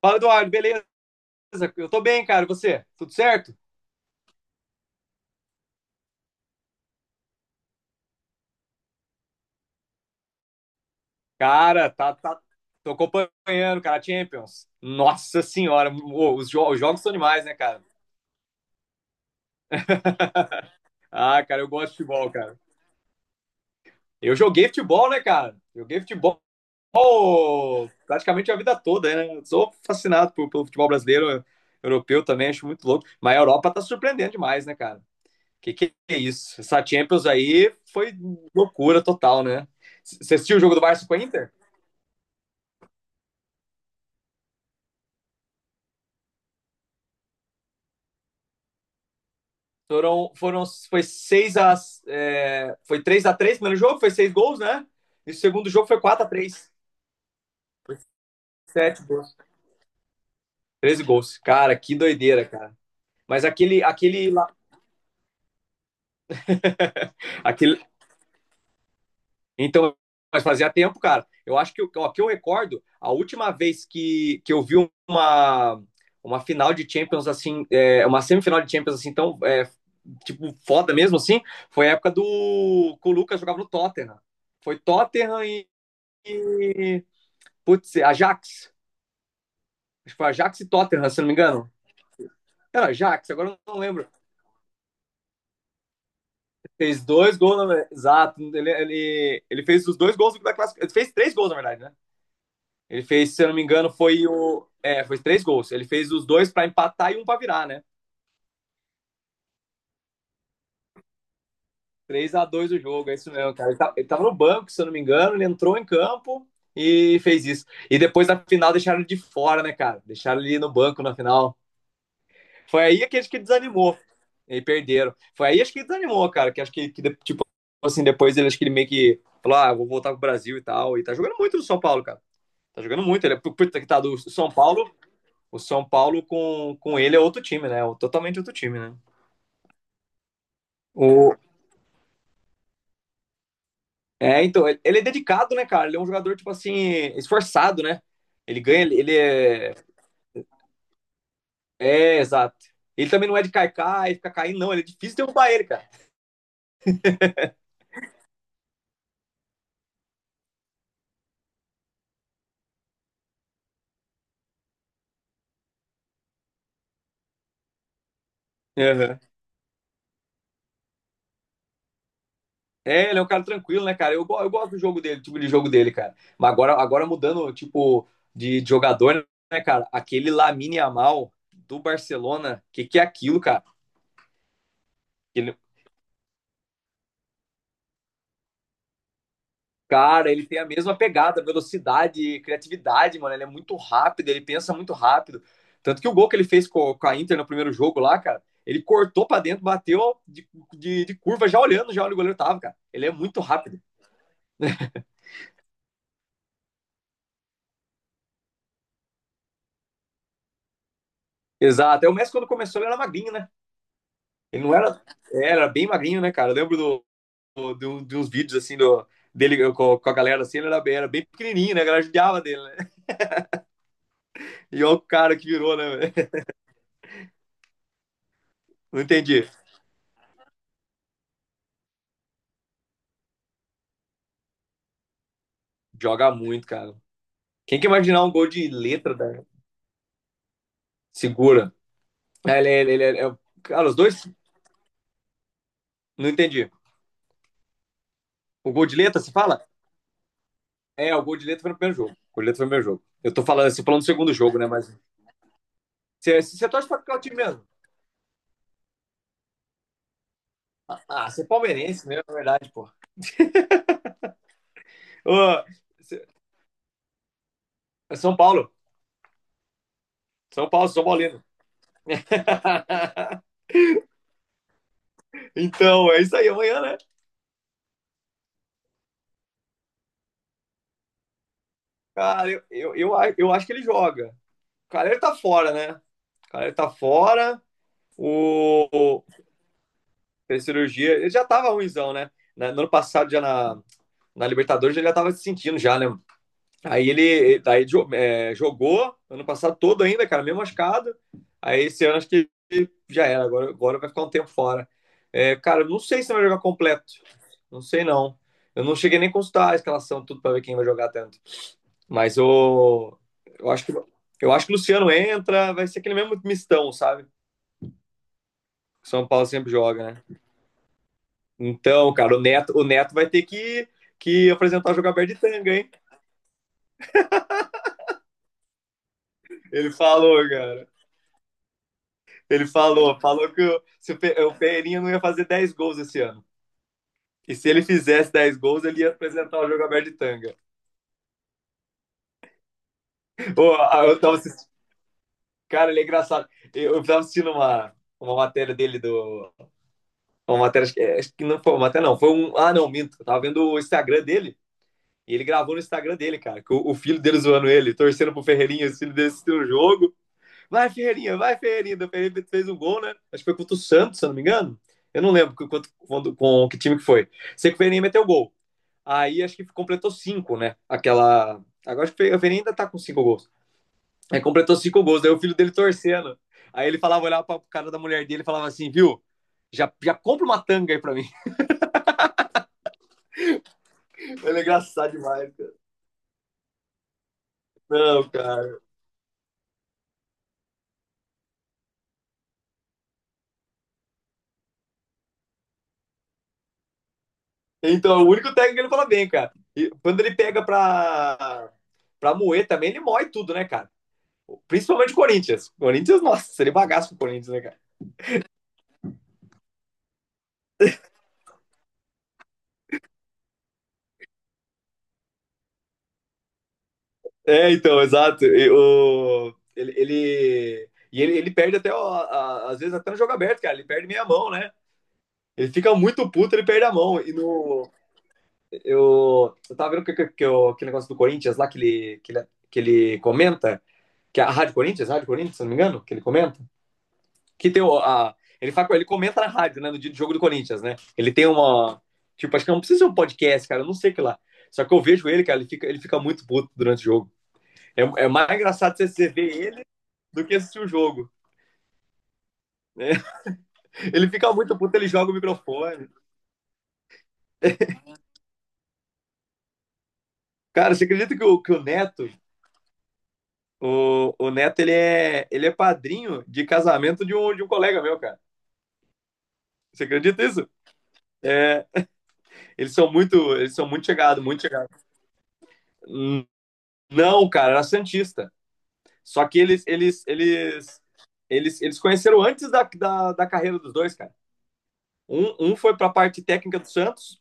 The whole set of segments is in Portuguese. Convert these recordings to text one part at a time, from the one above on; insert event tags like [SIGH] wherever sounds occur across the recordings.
Fala, Eduardo, beleza? Eu tô bem, cara. E você? Tudo certo? Cara, tá, tá. Tô acompanhando, cara, Champions. Nossa senhora, ô, os, os jogos são demais, né, cara? [LAUGHS] Ah, cara, eu gosto de futebol, cara. Eu joguei futebol, né, cara? Joguei futebol praticamente a vida toda, né? Eu sou fascinado pelo futebol brasileiro, europeu também, acho muito louco. Mas a Europa tá surpreendendo demais, né, cara? Que é isso? Essa Champions aí foi loucura total, né? Você assistiu o jogo do Barça com a Inter? Foi 6 a. É, foi 3 a 3 primeiro jogo, foi 6 gols, né? E o segundo jogo foi 4 a 3 7 gols. 13 gols. Cara, que doideira, cara. Mas aquele. aquele, aquele então, mas fazia tempo, cara. Eu acho que, ó, que eu recordo, a última vez que eu vi uma, uma final de Champions, assim, é, uma semifinal de Champions, assim, tão, é, tipo, foda mesmo, assim, foi a época do, que o Lucas jogava no Tottenham. Foi Tottenham e. E, putz, é Ajax. Acho que foi Ajax e Tottenham, se não me engano. Era Ajax, agora eu não lembro. Fez dois gols, na. Exato. Ele fez os dois gols da classificação. Ele fez três gols, na verdade, né? Ele fez, se eu não me engano, foi o. É, foi três gols. Ele fez os dois pra empatar e um pra virar, né? 3 a 2 o jogo, é isso mesmo, cara. Ele tava no banco, se eu não me engano, ele entrou em campo e fez isso. E depois na final deixaram ele de fora, né, cara? Deixaram ele no banco na final. Foi aí que acho que desanimou. E perderam. Foi aí acho que desanimou, cara. Que acho que tipo assim, depois ele acho que ele meio que falou: ah, vou voltar pro Brasil e tal. E tá jogando muito no São Paulo, cara. Tá jogando muito. Ele é puta que tá do São Paulo. O São Paulo com ele é outro time, né? É totalmente outro time, né? O... É, então, ele é dedicado, né, cara? Ele é um jogador, tipo assim, esforçado, né? Ele ganha, ele é. É, exato. Ele também não é de caicar e fica caindo, não. Ele é difícil derrubar ele, cara. Uhum. É, ele é um cara tranquilo, né, cara? Eu gosto do jogo dele, tipo de jogo dele, cara. Mas agora, mudando, tipo, de jogador, né, cara? Aquele Lamine Yamal do Barcelona, que é aquilo, cara? Ele, cara, ele tem a mesma pegada, velocidade, criatividade, mano. Ele é muito rápido, ele pensa muito rápido. Tanto que o gol que ele fez com a Inter no primeiro jogo lá, cara, ele cortou pra dentro, bateu de curva, já olhando já onde o goleiro tava, cara. Ele é muito rápido. [LAUGHS] Exato. É o Messi quando começou, ele era magrinho, né? Ele não era, é, era bem magrinho, né, cara? Eu lembro de uns vídeos assim dele com a galera assim, ele era bem pequenininho, né? A galera judiava dele, né? [LAUGHS] E olha o cara que virou, né, velho? Não entendi. Joga muito, cara. Quem que imaginar um gol de letra, da. Segura. Cara, os dois, não entendi. O gol de letra, se fala? É, o gol de letra foi no primeiro jogo. O gol de letra foi no primeiro jogo. Eu tô falando, você falando do segundo jogo, né? Mas você torce pra qual time mesmo? Ah, você é palmeirense mesmo, na verdade, pô. Ô, você- é São Paulo. São Paulo, São Paulino. [LAUGHS] Então, é isso aí, amanhã, né? Cara, eu acho que ele joga. Cara, ele tá fora, né? Cara, ele tá fora. O, o fez cirurgia, ele já tava ruimzão, né? No ano passado, já na Libertadores, ele já tava se sentindo já, né? Aí ele daí, jogou ano passado todo ainda, cara, meio machucado. Aí esse ano acho que já era, agora vai ficar um tempo fora. É, cara, eu não sei se vai jogar completo. Não sei não. Eu não cheguei nem a consultar a escalação, tudo pra ver quem vai jogar até. Mas eu acho que eu acho que o Luciano entra, vai ser aquele mesmo mistão, sabe? Que o São Paulo sempre joga, né? Então, cara, o Neto vai ter que apresentar o jogo aberto de tanga, hein? Ele falou, cara. Ele falou que se o Ferreirinha não ia fazer 10 gols esse ano. E se ele fizesse 10 gols, ele ia apresentar o jogo aberto de tanga. Ô, ah, eu tava assistindo, cara, ele é engraçado. Eu tava assistindo uma matéria dele do. Uma matéria, acho que não foi uma matéria, não. Foi um. Ah, não, minto. Eu tava vendo o Instagram dele. E ele gravou no Instagram dele, cara, com o filho dele zoando ele, torcendo pro Ferreirinha, o filho dele assistiu o jogo. Vai, Ferreirinha, vai, Ferreirinha. O Ferreirinha fez um gol, né? Acho que foi contra o Santos, se eu não me engano. Eu não lembro quanto, quando, com que time que foi. Sei que o Ferreirinha meteu gol. Aí acho que completou cinco, né? Aquela. Agora acho que o Ferreirinha ainda tá com cinco gols. Aí completou cinco gols, daí o filho dele torcendo. Aí ele falava, olhava pra cara da mulher dele e falava assim, viu? Já, já compra uma tanga aí pra mim. [LAUGHS] Ele é engraçado demais, cara. Não, cara. Então, é o único técnico que ele fala bem, cara. E quando ele pega pra moer também, ele moe tudo, né, cara? Principalmente o Corinthians. O Corinthians, nossa, ele bagaço com o Corinthians, né, cara? É, então, exato. E ele perde até, ó, às vezes, até no jogo aberto, cara. Ele perde meia mão, né? Ele fica muito puto, ele perde a mão. E no. Eu tava vendo que aquele negócio do Corinthians lá que ele comenta, que é a Rádio Corinthians, Rádio Corinthians, se não me engano, que ele comenta. Que tem a. Ele, fala, ele comenta na rádio, né? No dia do jogo do Corinthians, né? Ele tem uma. Tipo, acho que não precisa ser um podcast, cara. Eu não sei o que lá. Só que eu vejo ele, cara, ele fica muito puto durante o jogo. É mais engraçado ver ele do que assistir o jogo. Né? [LAUGHS] Ele fica muito puto, ele joga o microfone. Cara, você acredita que o Neto, o Neto, ele é padrinho de casamento de um colega meu, cara. Você acredita isso? É, eles são muito chegados, muito chegados. Hum, Não, cara, era Santista. Só que eles, eles conheceram antes da carreira dos dois, cara. Um foi para a parte técnica do Santos,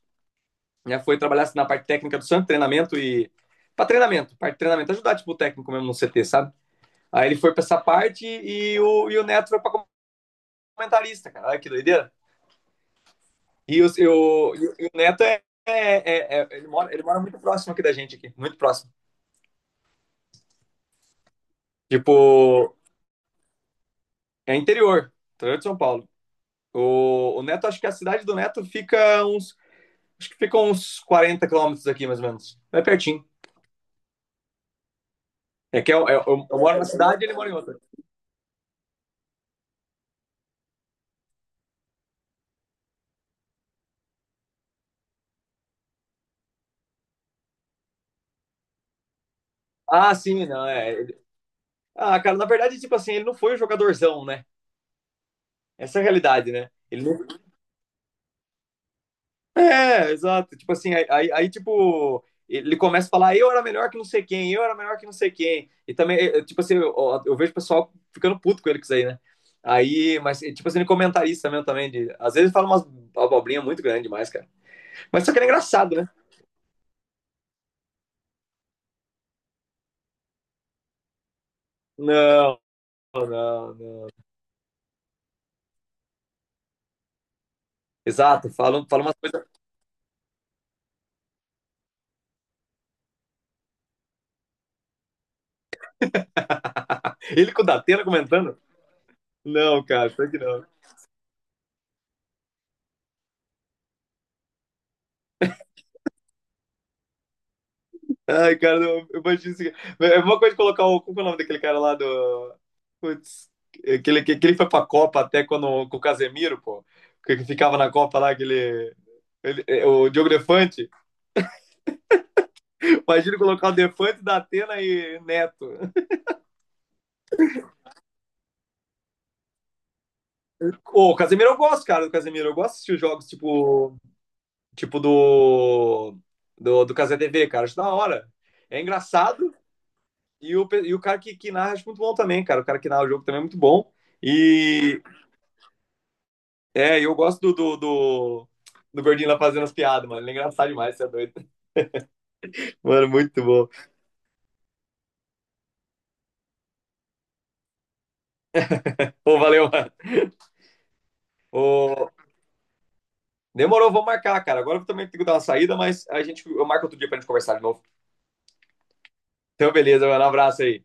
né? Foi trabalhar na parte técnica do Santos, treinamento e. Para treinamento, parte de treinamento, ajudar tipo, o técnico mesmo no CT, sabe? Aí ele foi para essa parte e o Neto foi para comentarista, cara. Olha que doideira. E o Neto ele mora muito próximo aqui da gente, aqui, muito próximo. Tipo, é interior, interior de São Paulo. O Neto, acho que a cidade do Neto fica uns. Acho que ficam uns 40 quilômetros aqui, mais ou menos. É pertinho. É que eu moro na cidade e ele mora em outra. Ah, sim, não, é. Ah, cara, na verdade, tipo assim, ele não foi o jogadorzão, né? Essa é a realidade, né? Ele não. É, exato. Tipo assim, aí, tipo, ele começa a falar, eu era melhor que não sei quem, eu era melhor que não sei quem. E também, tipo assim, eu vejo o pessoal ficando puto com ele com isso aí, né? Aí, mas, tipo assim, ele é comentarista mesmo também. Às vezes ele fala umas abobrinhas muito grande demais, cara. Mas só que ele é engraçado, né? Não, não, não. Exato, falam umas coisas. Ele com o Datena comentando? Não, cara, pior que não. Ai, cara, não, eu imagino isso aqui. É uma coisa de colocar o. Como que é o nome daquele cara lá do. Putz, aquele que ele foi pra Copa até quando, com o Casemiro, pô. Que ficava na Copa lá, aquele. O Diogo Defante. Imagina colocar o Defante, Datena e Neto. Ô, o Casemiro eu gosto, cara, do Casemiro. Eu gosto de assistir os jogos tipo. Tipo do Cazé TV, cara. Acho da hora. É engraçado. E o cara que narra acho muito bom também, cara. O cara que narra o jogo também é muito bom. E eu gosto do Gordinho lá fazendo as piadas, mano. Ele é engraçado demais, você é doido. [LAUGHS] Mano, muito bom. Pô, valeu, mano. Ô, demorou, vamos marcar, cara. Agora eu também tenho que dar uma saída, mas a gente, eu marco outro dia pra gente conversar de novo. Então, beleza, mano. Um abraço aí.